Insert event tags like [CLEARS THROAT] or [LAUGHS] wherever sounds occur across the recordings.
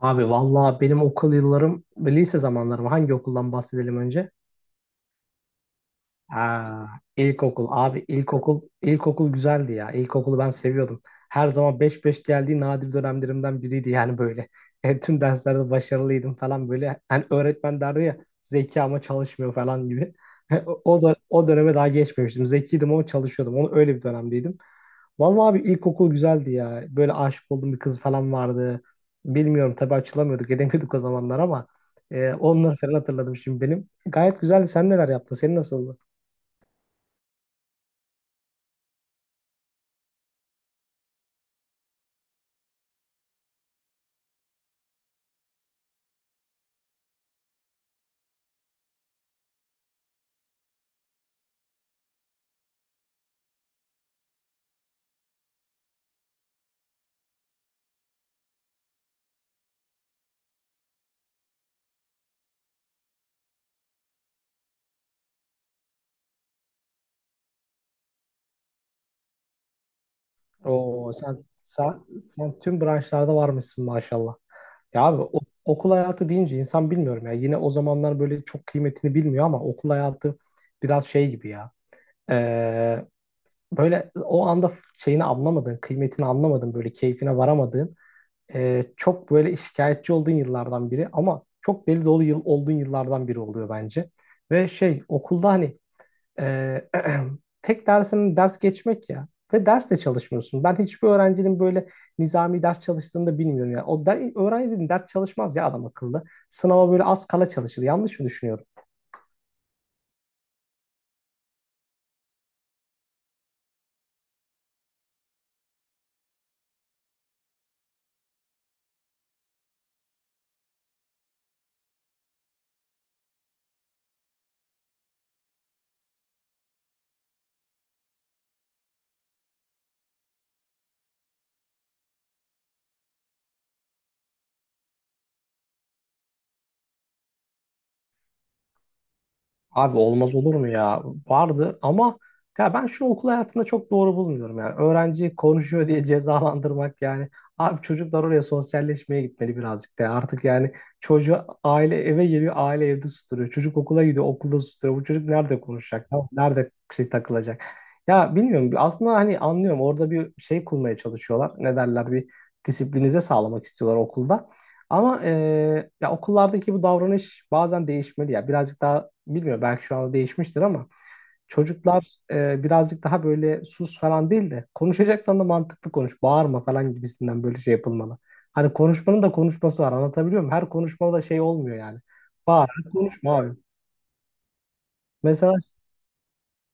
Abi vallahi benim okul yıllarım, lise zamanlarım. Hangi okuldan bahsedelim önce? Aa, ilkokul. Abi ilkokul, ilkokul güzeldi ya. İlkokulu ben seviyordum. Her zaman beş beş geldiği nadir dönemlerimden biriydi yani böyle. [LAUGHS] Tüm derslerde başarılıydım falan böyle. Hani öğretmen derdi ya zeki ama çalışmıyor falan gibi. [LAUGHS] O da o döneme daha geçmemiştim. Zekiydim ama çalışıyordum. Onu öyle bir dönemdeydim. Vallahi abi ilkokul güzeldi ya. Böyle aşık olduğum bir kız falan vardı. Bilmiyorum tabii açılamıyorduk, [LAUGHS] edemiyorduk o zamanlar ama onları falan hatırladım şimdi benim. Gayet güzeldi. Sen neler yaptın? Senin nasıldı? Oo sen tüm branşlarda varmışsın maşallah. Ya abi okul hayatı deyince insan bilmiyorum ya. Yine o zamanlar böyle çok kıymetini bilmiyor ama okul hayatı biraz şey gibi ya. Ee, böyle o anda şeyini anlamadın, kıymetini anlamadın, böyle keyfine varamadın. Çok böyle şikayetçi olduğun yıllardan biri ama çok deli dolu yıl olduğun yıllardan biri oluyor bence. Ve şey okulda hani e, [CLEARS THROAT] tek dersinin ders geçmek ya ve ders de çalışmıyorsun. Ben hiçbir öğrencinin böyle nizami ders çalıştığını da bilmiyorum ya. Öğrencinin ders çalışmaz ya adam akıllı. Sınava böyle az kala çalışır. Yanlış mı düşünüyorum? Abi olmaz olur mu ya? Vardı ama ya ben şunu okul hayatında çok doğru bulmuyorum yani. Öğrenci konuşuyor diye cezalandırmak yani. Abi çocuklar oraya sosyalleşmeye gitmeli birazcık da. Artık yani çocuğu aile eve geliyor, aile evde susturuyor. Çocuk okula gidiyor, okulda susturuyor. Bu çocuk nerede konuşacak ya? Nerede şey takılacak? Ya bilmiyorum. Aslında hani anlıyorum. Orada bir şey kurmaya çalışıyorlar. Ne derler? Bir disiplinize sağlamak istiyorlar okulda. Ama ya okullardaki bu davranış bazen değişmeli ya. Birazcık daha bilmiyorum belki şu anda değişmiştir ama çocuklar birazcık daha böyle sus falan değil de konuşacaksan da mantıklı konuş. Bağırma falan gibisinden böyle şey yapılmalı. Hani konuşmanın da konuşması var, anlatabiliyor muyum? Her konuşmada da şey olmuyor yani. Bağır, konuşma abi. Mesela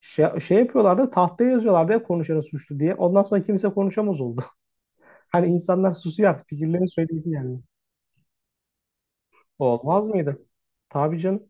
şey yapıyorlardı, tahtaya yazıyorlardı ya konuşanı suçlu diye. Ondan sonra kimse konuşamaz oldu. [LAUGHS] Hani insanlar susuyor, artık fikirlerini söyleyecek yani. Olmaz mıydı? Tabii canım.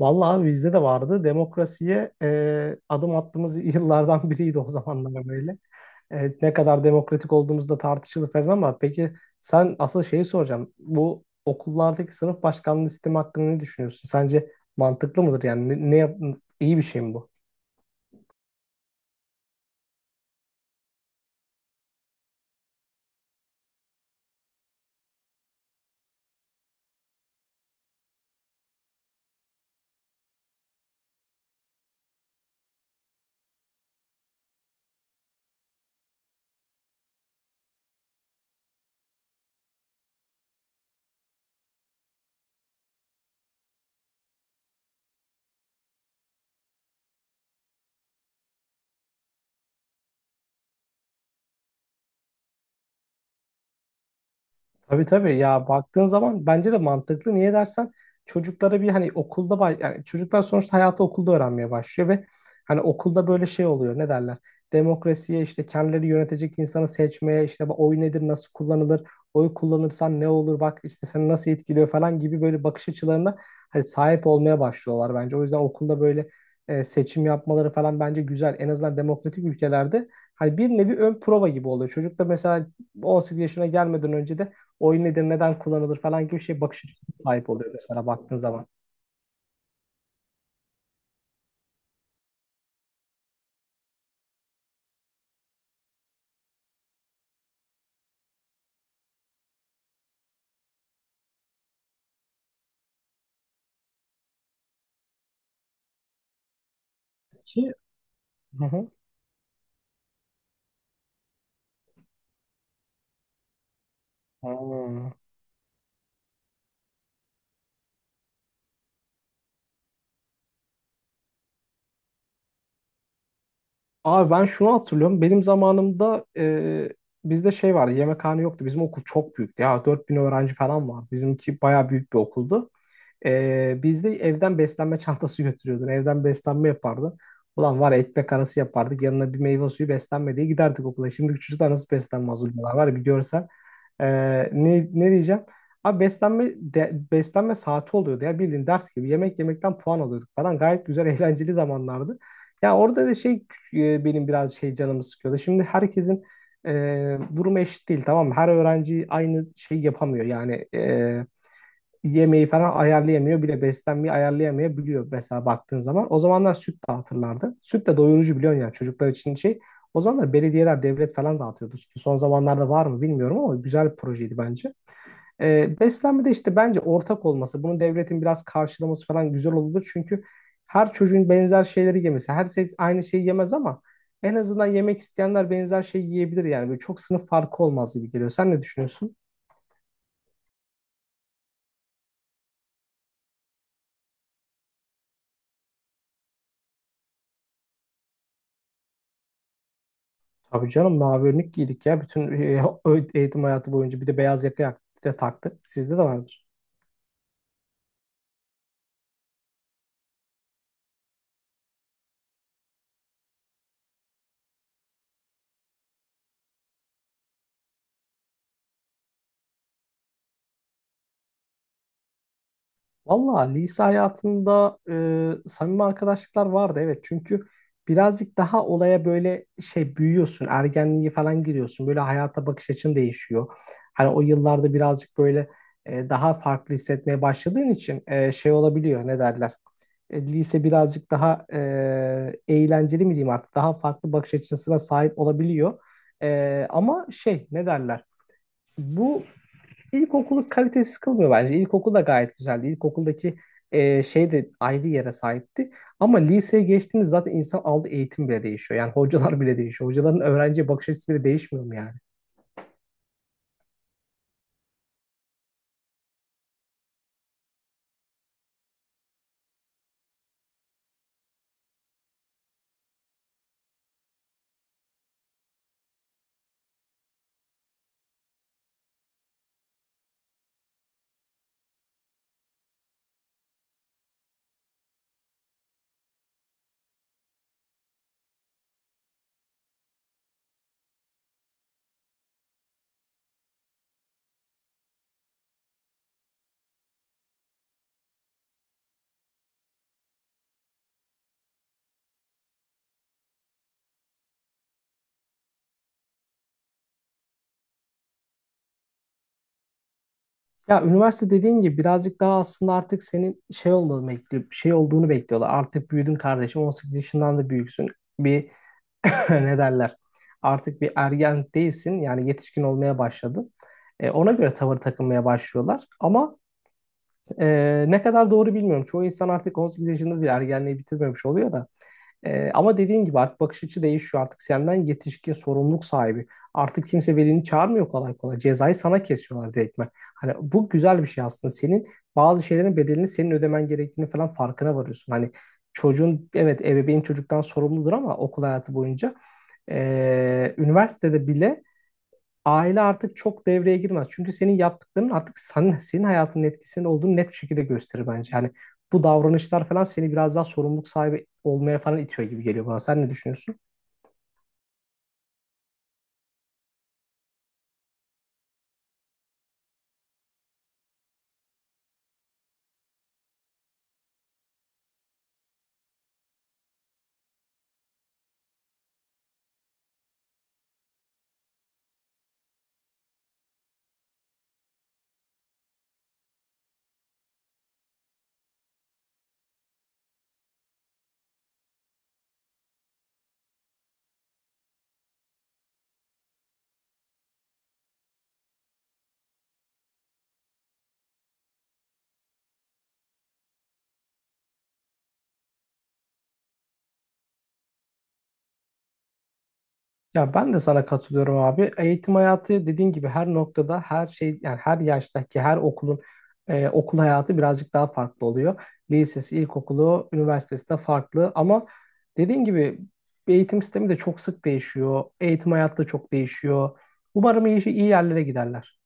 Vallahi abi bizde de vardı. Demokrasiye adım attığımız [LAUGHS] yıllardan biriydi o zamanlar böyle. Ne kadar demokratik olduğumuz da tartışılır falan ama peki, sen asıl şeyi soracağım. Bu okullardaki sınıf başkanlığı sistemi hakkında ne düşünüyorsun? Sence mantıklı mıdır? Yani iyi bir şey mi bu? Tabii tabii ya, baktığın zaman bence de mantıklı. Niye dersen çocuklara bir hani okulda yani çocuklar sonuçta hayatı okulda öğrenmeye başlıyor ve hani okulda böyle şey oluyor, ne derler? Demokrasiye işte kendileri yönetecek insanı seçmeye, işte bu oy nedir, nasıl kullanılır, oy kullanırsan ne olur, bak işte seni nasıl etkiliyor falan gibi böyle bakış açılarına hani sahip olmaya başlıyorlar bence. O yüzden okulda böyle seçim yapmaları falan bence güzel. En azından demokratik ülkelerde hani bir nevi ön prova gibi oluyor. Çocuk da mesela 18 yaşına gelmeden önce de oyun nedir, neden kullanılır falan gibi şey, bakış açısına sahip oluyor mesela baktığın zaman. Ki. Hı hı. Ha. Abi ben şunu hatırlıyorum. Benim zamanımda bizde şey vardı. Yemekhane yoktu. Bizim okul çok büyüktü. Ya 4000 öğrenci falan vardı. Bizimki bayağı büyük bir okuldu. Biz evden beslenme çantası götürüyordun. Evden beslenme yapardın. Ulan var ya, ekmek arası yapardık. Yanına bir meyve suyu, beslenme diye giderdik okula. Şimdi çocuklar nasıl beslenme hazırlıyorlar var ya, bir görsen. Ne diyeceğim? Abi beslenme saati oluyordu ya, bildiğin ders gibi. Yemek yemekten puan alıyorduk falan. Gayet güzel, [LAUGHS] eğlenceli zamanlardı. Ya orada da şey benim biraz şey canımı sıkıyordu. Şimdi herkesin durumu eşit değil, tamam mı? Her öğrenci aynı şey yapamıyor. Yani yemeği falan ayarlayamıyor, bile beslenmeyi ayarlayamayabiliyor mesela baktığın zaman. O zamanlar süt dağıtırlardı. Süt de doyurucu biliyorsun, yani çocuklar için şey. O zamanlar belediyeler, devlet falan dağıtıyordu sütü. Son zamanlarda var mı bilmiyorum ama güzel bir projeydi bence. Beslenmede işte bence ortak olması, bunun devletin biraz karşılaması falan güzel olurdu. Çünkü her çocuğun benzer şeyleri yemesi, herkes aynı şeyi yemez ama en azından yemek isteyenler benzer şeyi yiyebilir yani. Böyle çok sınıf farkı olmaz gibi geliyor. Sen ne düşünüyorsun? Tabii canım, mavi önlük giydik ya bütün eğitim hayatı boyunca, bir de beyaz yaka de taktık. Sizde de vardır. Valla lise hayatında samimi arkadaşlıklar vardı evet, çünkü birazcık daha olaya böyle şey, büyüyorsun, ergenliğe falan giriyorsun, böyle hayata bakış açın değişiyor. Hani o yıllarda birazcık böyle daha farklı hissetmeye başladığın için şey olabiliyor, ne derler. Lise birazcık daha eğlenceli mi diyeyim, artık daha farklı bakış açısına sahip olabiliyor. Ama şey, ne derler. Bu İlkokulu kalitesiz kılmıyor bence. İlkokul da gayet güzeldi. İlkokuldaki şey de ayrı yere sahipti. Ama liseye geçtiğiniz zaten insan aldığı eğitim bile değişiyor. Yani hocalar bile değişiyor. Hocaların öğrenciye bakış açısı bile değişmiyor mu yani? Ya üniversite, dediğin gibi birazcık daha aslında artık senin şey olmalı bekliyor, şey olduğunu bekliyorlar. Artık büyüdün kardeşim, 18 yaşından da büyüksün. Bir, [LAUGHS] ne derler? Artık bir ergen değilsin. Yani yetişkin olmaya başladın. Ona göre tavır takınmaya başlıyorlar. Ama ne kadar doğru bilmiyorum. Çoğu insan artık 18 yaşında bir ergenliği bitirmemiş oluyor da. Ama dediğin gibi artık bakış açı değişiyor. Artık senden yetişkin sorumluluk sahibi. Artık kimse velini çağırmıyor kolay kolay. Cezayı sana kesiyorlar direktmen. Hani bu güzel bir şey aslında. Senin bazı şeylerin bedelini senin ödemen gerektiğini falan farkına varıyorsun. Hani çocuğun, evet, ebeveyn çocuktan sorumludur ama okul hayatı boyunca, üniversitede bile aile artık çok devreye girmez. Çünkü senin yaptıkların artık senin hayatının etkisinin olduğunu net bir şekilde gösterir bence. Yani bu davranışlar falan seni biraz daha sorumluluk sahibi olmaya falan itiyor gibi geliyor bana. Sen ne düşünüyorsun? Ya ben de sana katılıyorum abi. Eğitim hayatı, dediğin gibi her noktada, her şey yani her yaştaki her okulun okul hayatı birazcık daha farklı oluyor. Lisesi, ilkokulu, üniversitesi de farklı ama dediğin gibi eğitim sistemi de çok sık değişiyor. Eğitim hayatı da çok değişiyor. Umarım iyi, iyi yerlere giderler.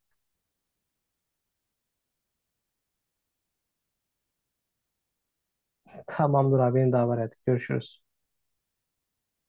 Tamamdır abi, beni davet et. Görüşürüz.